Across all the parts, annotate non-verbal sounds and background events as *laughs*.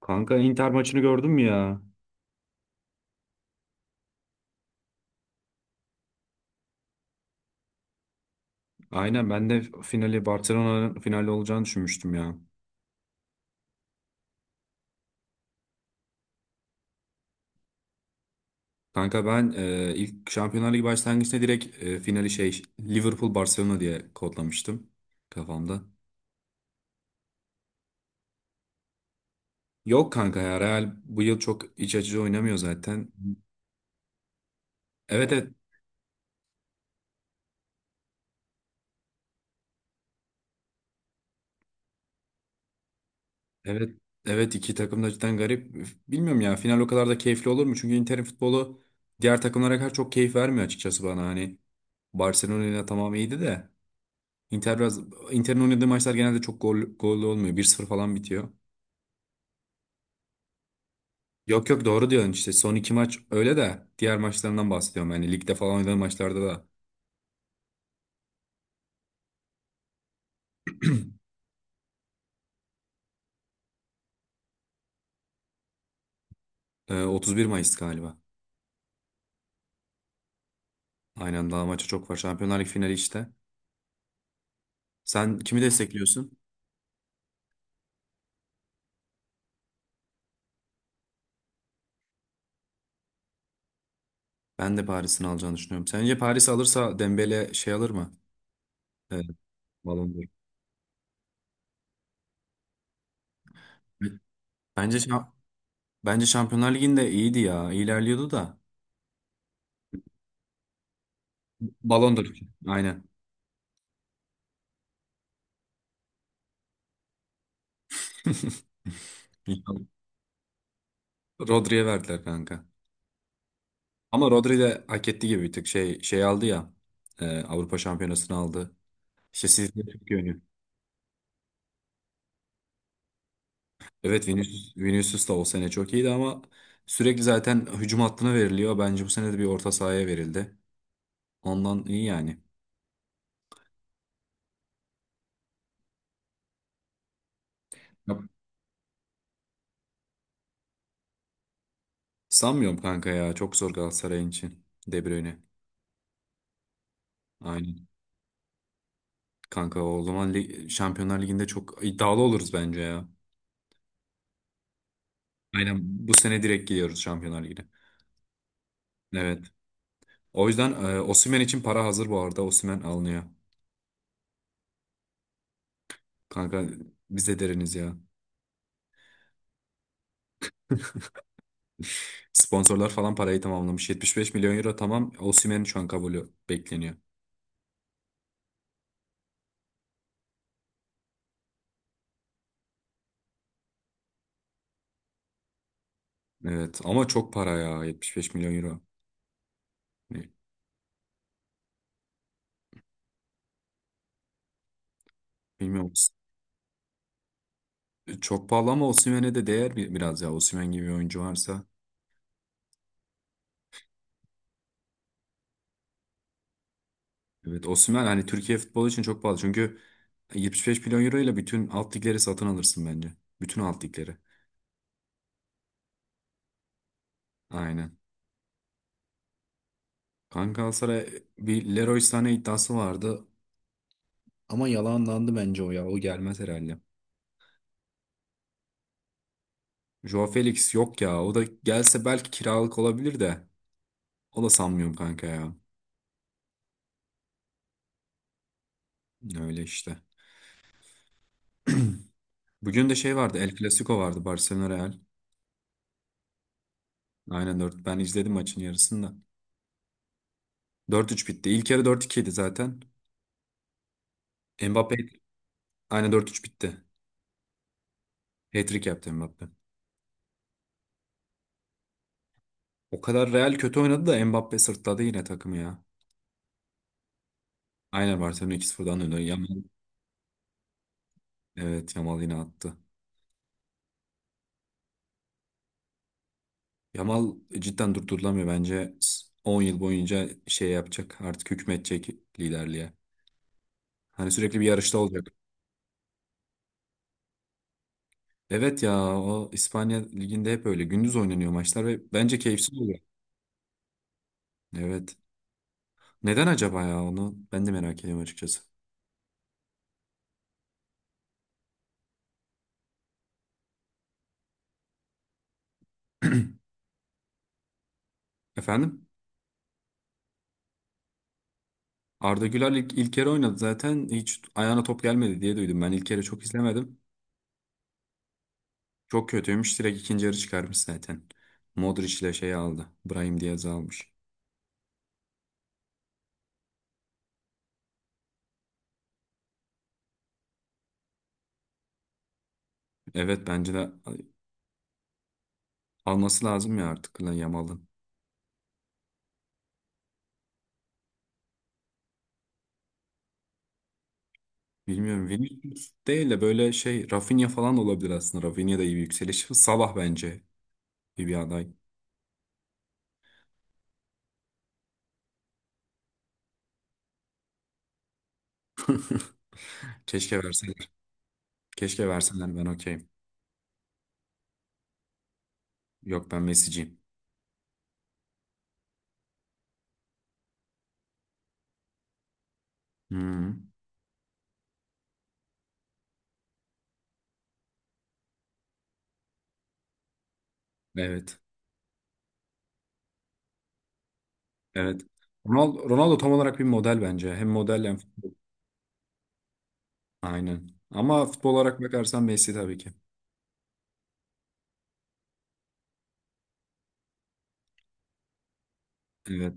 Kanka Inter maçını gördün mü ya? Aynen, ben de finali Barcelona'nın finali olacağını düşünmüştüm ya. Kanka ben ilk Şampiyonlar Ligi başlangıçta direkt finali şey Liverpool Barcelona diye kodlamıştım kafamda. Yok kanka ya, Real bu yıl çok iç açıcı oynamıyor zaten. Evet, evet, evet, evet, iki takım da cidden garip. Bilmiyorum ya, final o kadar da keyifli olur mu? Çünkü Inter'in futbolu diğer takımlara kadar çok keyif vermiyor açıkçası bana. Hani Barcelona ile tamam iyiydi de. Inter biraz Inter'in oynadığı maçlar genelde çok gollü olmuyor. 1-0 falan bitiyor. Yok, yok, doğru diyorsun işte. Son iki maç öyle de diğer maçlarından bahsediyorum. Yani ligde falan oynadığı maçlarda da. 31 Mayıs galiba. Aynen, daha maça çok var. Şampiyonlar Ligi finali işte. Sen kimi destekliyorsun? Ben de Paris'in alacağını düşünüyorum. Sence Paris alırsa Dembele şey alır mı? Ee, Ballon d'Or. Bence şa- bence Şampiyonlar Ligi'nde iyiydi ya. İlerliyordu da. Ballon d'Or. Aynen. İnşallah. Rodri'ye verdiler kanka. Ama Rodri de hak etti gibi, bir tık şey aldı ya. Avrupa Şampiyonası'nı aldı. İşte sizde çok yönü. Evet, Vinicius da o sene çok iyiydi ama sürekli zaten hücum hattına veriliyor. Bence bu sene de bir orta sahaya verildi. Ondan iyi yani. Yap. Sanmıyorum kanka ya. Çok zor Galatasaray'ın için. De Bruyne. Aynen. Kanka o zaman Şampiyonlar Ligi'nde çok iddialı oluruz bence ya. Aynen, bu sene direkt gidiyoruz Şampiyonlar Ligi'ne. Evet. O yüzden Osimhen için para hazır bu arada. Osimhen alınıyor. Kanka biz de deriniz ya. Sponsorlar falan parayı tamamlamış. 75 milyon euro tamam. Osimhen şu an kabulü bekleniyor. Evet ama çok para ya, 75 milyon euro. Ne- Bilmiyorum. Çok pahalı ama Osimhen'e de değer biraz ya. Osimhen gibi bir oyuncu varsa. Evet, Osimhen hani Türkiye futbolu için çok pahalı. Çünkü 75 milyon euro ile bütün alt ligleri satın alırsın bence. Bütün alt ligleri. Aynen. Kanka Galatasaray bir Leroy Sané iddiası vardı. Ama yalanlandı bence o ya. O gelmez herhalde. Joao Felix yok ya. O da gelse belki kiralık olabilir de. O da sanmıyorum kanka ya. Öyle işte. Bugün de şey vardı. El Clasico vardı. Barcelona Real. Aynen, dört. Ben izledim maçın yarısını da. 4-3 bitti. İlk yarı dört 2 idi zaten. Mbappe, aynen, 4-3 bitti. Hat-trick yaptı Mbappe. O kadar Real kötü oynadı da Mbappe sırtladı yine takımı ya. Aynen Barcelona iki 0dan öyle. Yamal, evet, Yamal yine attı. Yamal cidden durdurulamıyor bence. 10 yıl boyunca şey yapacak. Artık hükmedecek liderliğe. Hani sürekli bir yarışta olacak. Evet ya, o İspanya liginde hep öyle. Gündüz oynanıyor maçlar ve bence keyifsiz oluyor. Evet. Neden acaba ya, onu ben de merak ediyorum açıkçası. *clears throat* Efendim? Arda Güler ilk kere oynadı zaten. Hiç ayağına top gelmedi diye duydum. Ben ilk kere çok izlemedim. Çok kötüymüş. Direkt ikinci yarı çıkarmış zaten. Modric ile şey aldı. Brahim Diaz'ı almış. Evet, bence de alması lazım ya artık lan Yamal'ın. Bilmiyorum. Vinicius değil de böyle şey Rafinha falan da olabilir aslında. Rafinha da iyi bir yükseliş. Salah bence iyi bir aday. *laughs* Keşke verseler. Keşke verseler, ben okeyim. Yok, ben Messi'ciyim. Hı. Evet. Evet. Ronaldo tam olarak bir model bence. Hem model hem futbol. Aynen. Ama futbol olarak bakarsan Messi tabii ki. Evet.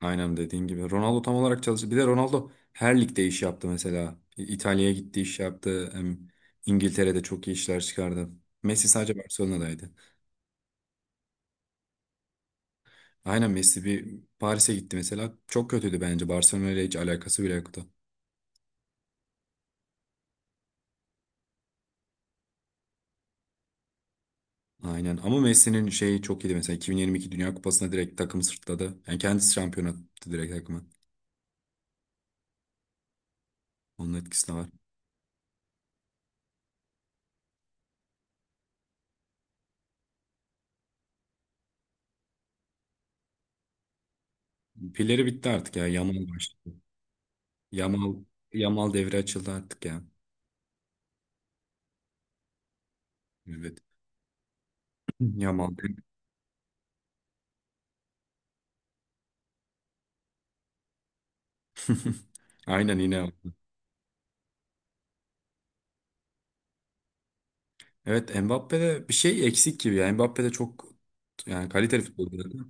Aynen dediğin gibi. Ronaldo tam olarak çalıştı. Bir de Ronaldo her ligde iş yaptı mesela. İtalya'ya gitti, iş yaptı. Hem İngiltere'de çok iyi işler çıkardı. Messi sadece Barcelona'daydı. Aynen, Messi bir Paris'e gitti mesela. Çok kötüydü bence. Barcelona ile hiç alakası bile yoktu. Aynen, ama Messi'nin şeyi çok iyiydi mesela, 2022 Dünya Kupası'nda direkt takımı sırtladı. Yani kendisi şampiyon attı direkt takımı. Onun etkisi de var. Pilleri bitti artık ya. Yamal başladı. Yamal Yamal devre açıldı artık ya. Evet. *laughs* Yamal. *laughs* Aynen yine. O. Evet, Mbappe'de bir şey eksik gibi ya. Mbappe'de çok, yani, kaliteli futbolcu.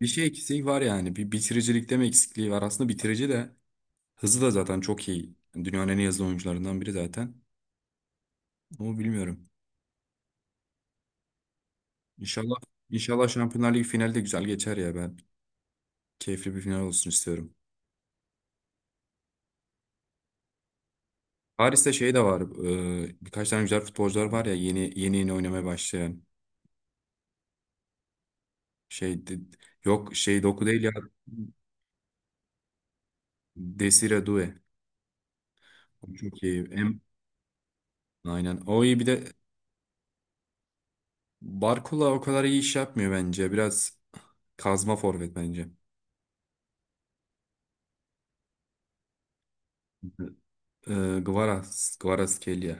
Bir şey eksiği var yani. Bir bitiricilikte mi eksikliği var? Aslında bitirici de hızı da zaten çok iyi. Dünyanın en iyi hızlı oyuncularından biri zaten. Ama bilmiyorum. İnşallah, inşallah, Şampiyonlar Ligi finali de güzel geçer ya ben. Keyifli bir final olsun istiyorum. Paris'te şey de var. Birkaç tane güzel futbolcular var ya, yeni yeni oynamaya başlayan. Şey de- yok şey, Doku değil ya. Desire Doué. O çok iyi. Aynen. O iyi, bir de Barcola o kadar iyi iş yapmıyor bence. Biraz kazma forvet bence. Kvaratskhelia.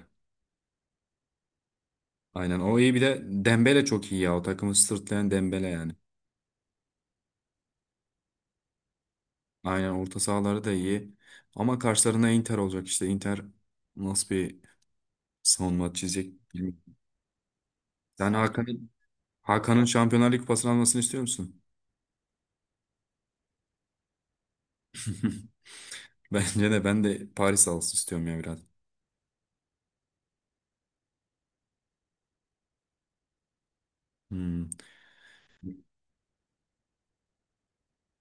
Aynen, o iyi, bir de Dembele çok iyi ya, o takımı sırtlayan Dembele yani. Aynen, orta sahaları da iyi. Ama karşılarına Inter olacak işte, Inter nasıl bir savunma çizecek bilmiyorum. Sen Hakan'ın Şampiyonlar Ligi kupasını almasını istiyor musun? *laughs* Bence de, ben de Paris alsın istiyorum ya biraz. Hmm.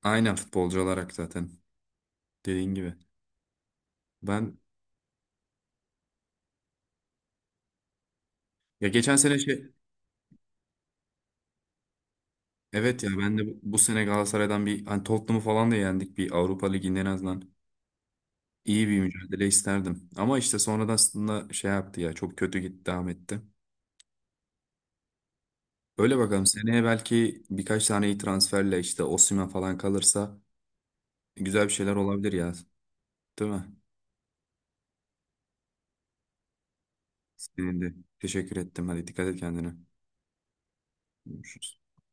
Aynen, futbolcu olarak zaten dediğin gibi. Ben ya, geçen sene şey, evet ya, ben de bu sene Galatasaray'dan bir hani Tottenham'ı falan da yendik, bir Avrupa Ligi'nde en azından. İyi bir mücadele isterdim. Ama işte sonradan aslında şey yaptı ya, çok kötü gitti, devam etti. Öyle, bakalım seneye belki birkaç tane iyi transferle işte Osimhen falan kalırsa güzel bir şeyler olabilir ya. Değil mi? Senin. Teşekkür ettim. Hadi dikkat et kendine. Görüşürüz.